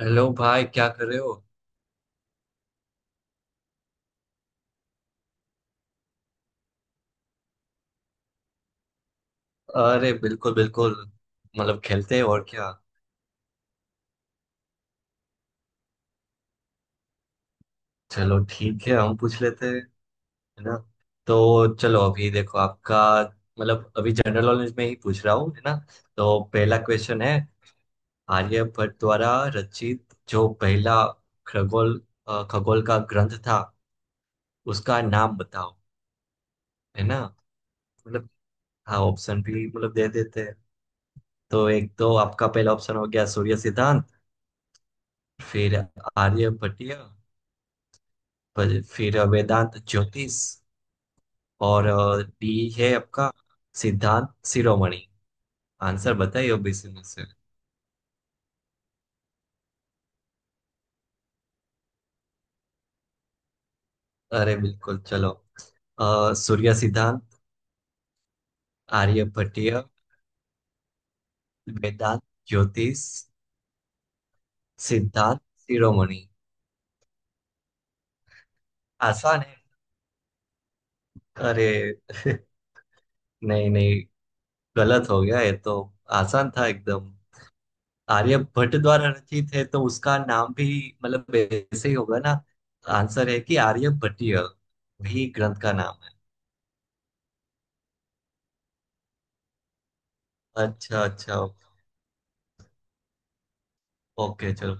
Hello भाई, क्या कर रहे हो? अरे बिल्कुल बिल्कुल। मतलब खेलते हैं और क्या। चलो ठीक है, हम पूछ लेते हैं, है ना। तो चलो अभी देखो आपका, मतलब अभी जनरल नॉलेज में ही पूछ रहा हूँ, है ना। तो पहला क्वेश्चन है, आर्यभट्ट द्वारा रचित जो पहला खगोल, खगोल का ग्रंथ था, उसका नाम बताओ। है ना। मतलब हाँ, ऑप्शन भी मतलब दे देते हैं। तो एक तो आपका पहला ऑप्शन हो गया सूर्य सिद्धांत, फिर आर्यभट्टिय, पर फिर वेदांत ज्योतिष, और डी है आपका सिद्धांत शिरोमणि। आंसर बताइए ओबीसी में से। अरे बिल्कुल चलो। सूर्य सिद्धांत, आर्यभट्टीय, वेदांत ज्योतिष, सिद्धांत शिरोमणि। आसान है। अरे नहीं नहीं, गलत हो गया ये तो। आसान था एकदम। आर्यभट्ट द्वारा रचित है तो उसका नाम भी मतलब ऐसे ही होगा ना। आंसर है कि आर्यभट्टीय, वही ग्रंथ का नाम है। अच्छा अच्छा। ओके चलो।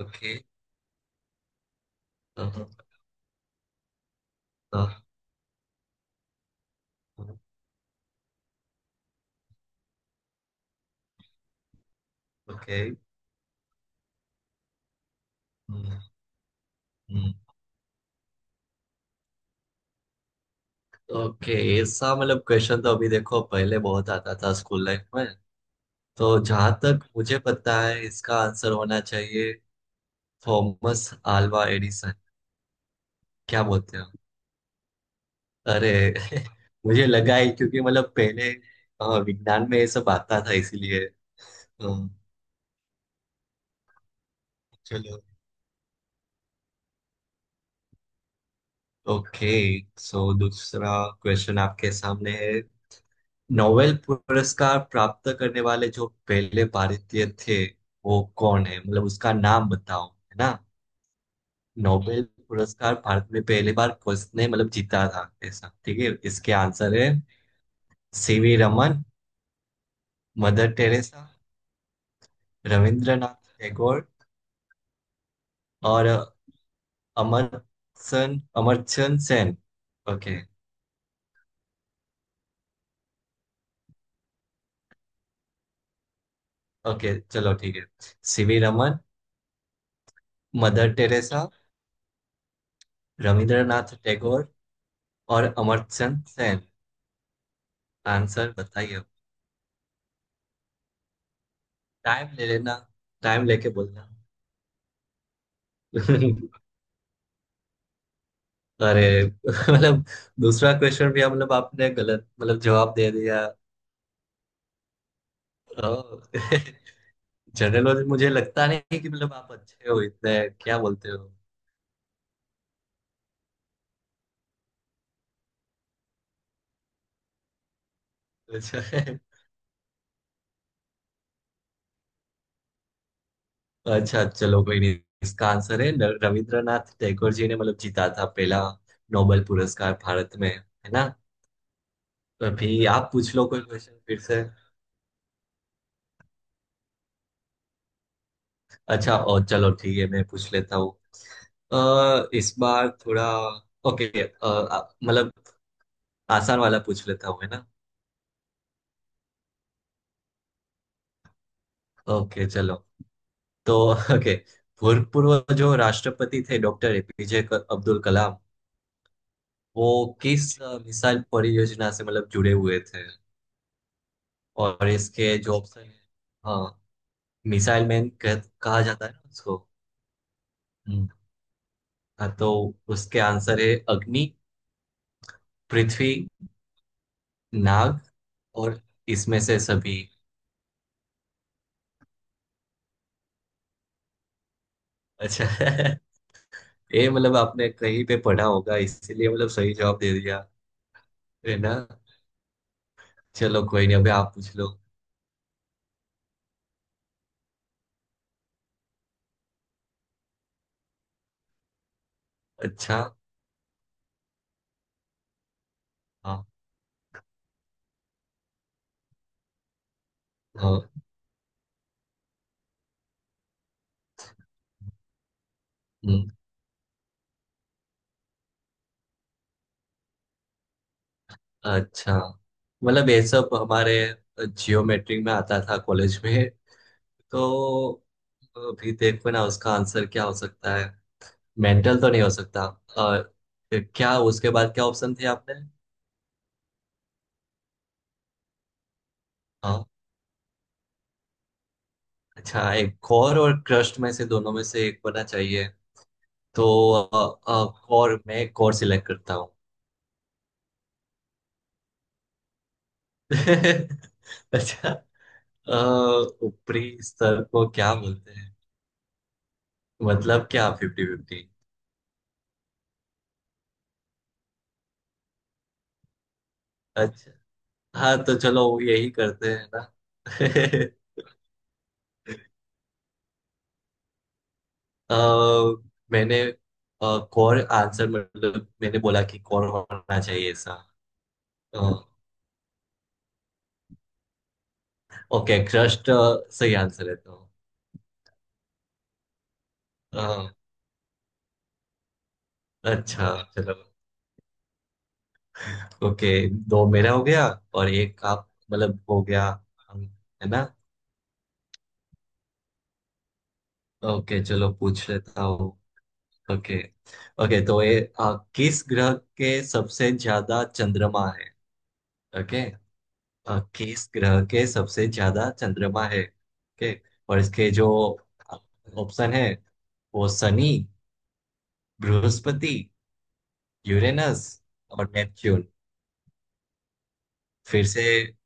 ओके। ओके। ओके। ऐसा मतलब क्वेश्चन तो अभी देखो पहले बहुत आता था स्कूल लाइफ में। तो जहां तक मुझे पता है, इसका आंसर होना चाहिए थॉमस आल्वा एडिसन। क्या बोलते हो? अरे मुझे लगा है क्योंकि मतलब पहले विज्ञान में ये सब आता था इसीलिए। अ, चलो। ओके। सो दूसरा क्वेश्चन आपके सामने है। नोबेल पुरस्कार प्राप्त करने वाले जो पहले भारतीय थे, वो कौन है, मतलब उसका नाम बताओ, है ना। नोबेल पुरस्कार भारत में पहली बार किसने मतलब जीता था, ऐसा। ठीक है इसके आंसर है, C V Raman, Mother Teresa, Rabindranath Tagore, और अमर्त्य, अमर्त्य सेन। ओके। ओके चलो ठीक है। C V Raman, Mother Teresa, Rabindranath Tagore, और अमर्त्य सेन। आंसर बताइए। टाइम ले लेना, टाइम लेके बोलना। अरे मतलब दूसरा क्वेश्चन भी मतलब आपने गलत मतलब जवाब दे दिया। जनरल नॉलेज मुझे लगता नहीं कि मतलब आप अच्छे हो इतने। क्या बोलते हो? अच्छा अच्छा चलो कोई नहीं। इसका आंसर है न- रविंद्रनाथ टैगोर जी ने मतलब जीता था पहला नोबेल पुरस्कार भारत में, है ना। अभी आप पूछ लो कोई क्वेश्चन फिर से। अच्छा और चलो ठीक है, मैं पूछ लेता हूँ। इस बार थोड़ा, ओके, मतलब आसान वाला पूछ लेता हूँ, है ना। ओके चलो। तो, ओके, भूतपूर्व जो राष्ट्रपति थे डॉक्टर एपीजे अब्दुल कलाम, वो किस मिसाइल परियोजना से मतलब जुड़े हुए थे? और इसके जो ऑप्शन है। हाँ, मिसाइल मैन कहा जाता है ना उसको। हम्म, हाँ तो उसके आंसर है अग्नि, पृथ्वी, नाग, और इसमें से सभी। अच्छा ये मतलब आपने कहीं पे पढ़ा होगा इसीलिए मतलब सही जवाब दे दिया, है ना। चलो कोई नहीं, अभी आप पूछ लो। अच्छा। हाँ हाँ। हम्म, अच्छा, मतलब ये सब हमारे जियोमेट्री में आता था कॉलेज में। तो अभी देखो ना उसका आंसर क्या हो सकता है। मेंटल तो नहीं हो सकता। और क्या, उसके बाद क्या ऑप्शन थे आपने? हाँ अच्छा, एक कोर और क्रस्ट में से दोनों में से एक बना चाहिए। तो कोर, मैं कोर सिलेक्ट करता हूँ। अच्छा। अ, ऊपरी स्तर को क्या बोलते हैं? मतलब क्या फिफ्टी फिफ्टी? अच्छा हाँ, तो चलो यही करते हैं ना। अ, मैंने कोर आंसर, मतलब मैंने बोला कि कोर होना चाहिए ऐसा। ओके, क्रस्ट सही आंसर है तो। अ, अच्छा चलो। ओके, दो मेरा हो गया और एक आप, मतलब हो गया, है ना। ओके चलो, पूछ लेता हूँ। ओके। ओके तो ये किस ग्रह के सबसे ज्यादा चंद्रमा है। ओके। किस ग्रह के सबसे ज्यादा चंद्रमा है, ओके। और इसके जो ऑप्शन है, वो शनि, बृहस्पति, यूरेनस, और नेपच्यून। फिर से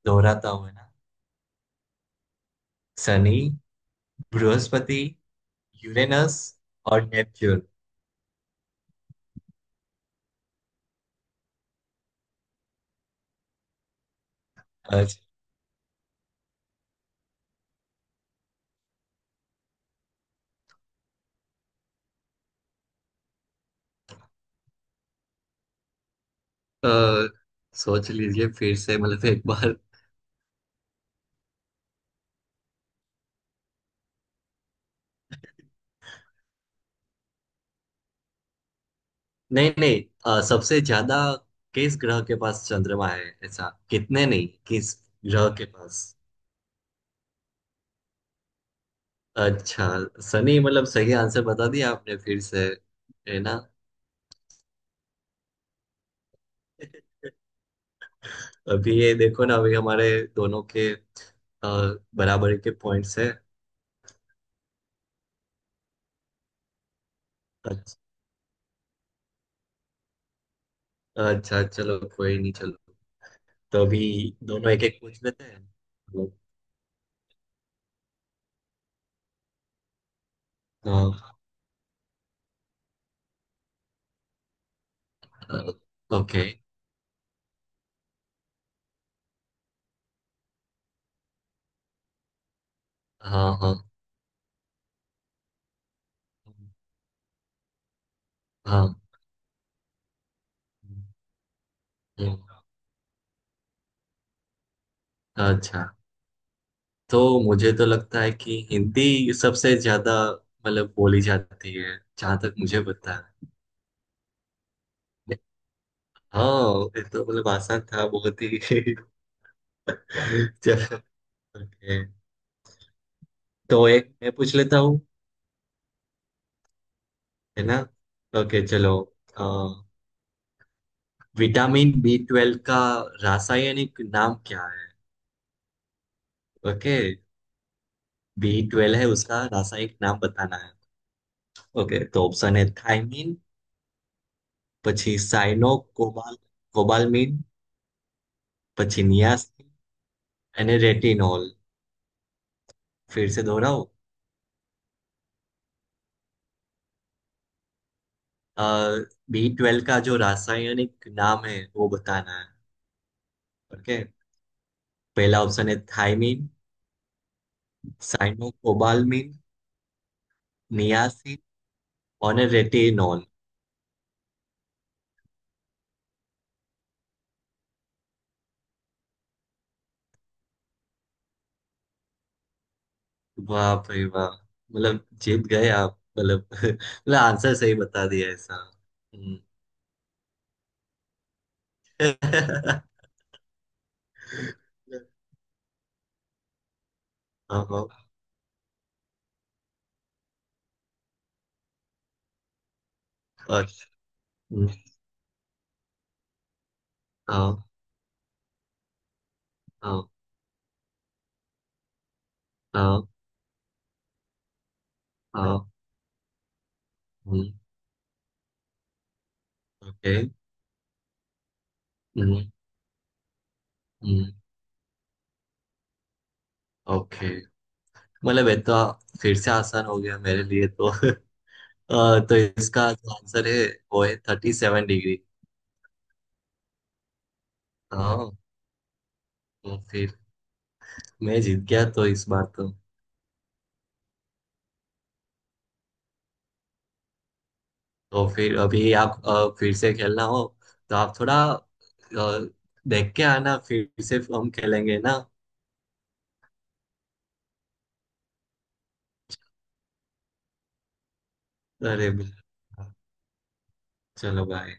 दोहराता हूँ, है ना। शनि, बृहस्पति, यूरेनस, और नेपच्यून। आज, अ, सोच लीजिए फिर से मतलब एक बार। नहीं नहीं, सबसे ज्यादा किस ग्रह के पास चंद्रमा है, ऐसा। कितने नहीं, किस ग्रह के पास। अच्छा, सनी मतलब सही आंसर बता दिया आपने फिर से, है ना। अभी ये देखो ना, अभी हमारे दोनों के बराबरी के पॉइंट्स है। अच्छा अच्छा चलो कोई नहीं चलो। तो अभी दोनों एक एक पूछ लेते हैं। हाँ। अ, ओके। हाँ हाँ। हाँ। हम्म, अच्छा, तो मुझे तो लगता है कि हिंदी सबसे ज्यादा मतलब बोली जाती है, जहां तक मुझे पता है। हाँ, ये तो मतलब आसान था बहुत ही चलो okay. तो एक मैं पूछ लेता हूँ, है ना। ओके चलो। अ, विटामिन B12 का रासायनिक नाम क्या है? ओके। B12 है, उसका रासायनिक नाम बताना है। ओके, तो ऑप्शन है, थायमीन, પછી સાયનો કોબાલ કોબાલમિન, પછી નિયાસિન, यानी रेटिनॉल। फिर से दोहराओ। B12 का जो रासायनिक नाम है वो बताना है। ओके, पहला ऑप्शन है थायमीन, साइनोकोबाल्मिन, नियासिन, और रेटिनॉल। वाह भाई वाह, मतलब जीत गए आप मतलब मतलब आंसर सही बता दिया ऐसा। हम्म। हाँ हाँ। और- हम्म, हाँ हाँ। हाँ। हाँ। हम्म, ओके। हम्म, हम्म, ओके, मतलब ये तो फिर से आसान हो गया मेरे लिए तो तो इसका जो आंसर है, वो है 37 डिग्री। हाँ, तो फिर मैं जीत गया तो इस बार तो। तो फिर अभी आप फिर से खेलना हो तो आप थोड़ा देख के आना, फिर से हम खेलेंगे ना। अरे बिल्कुल। चलो, बाय।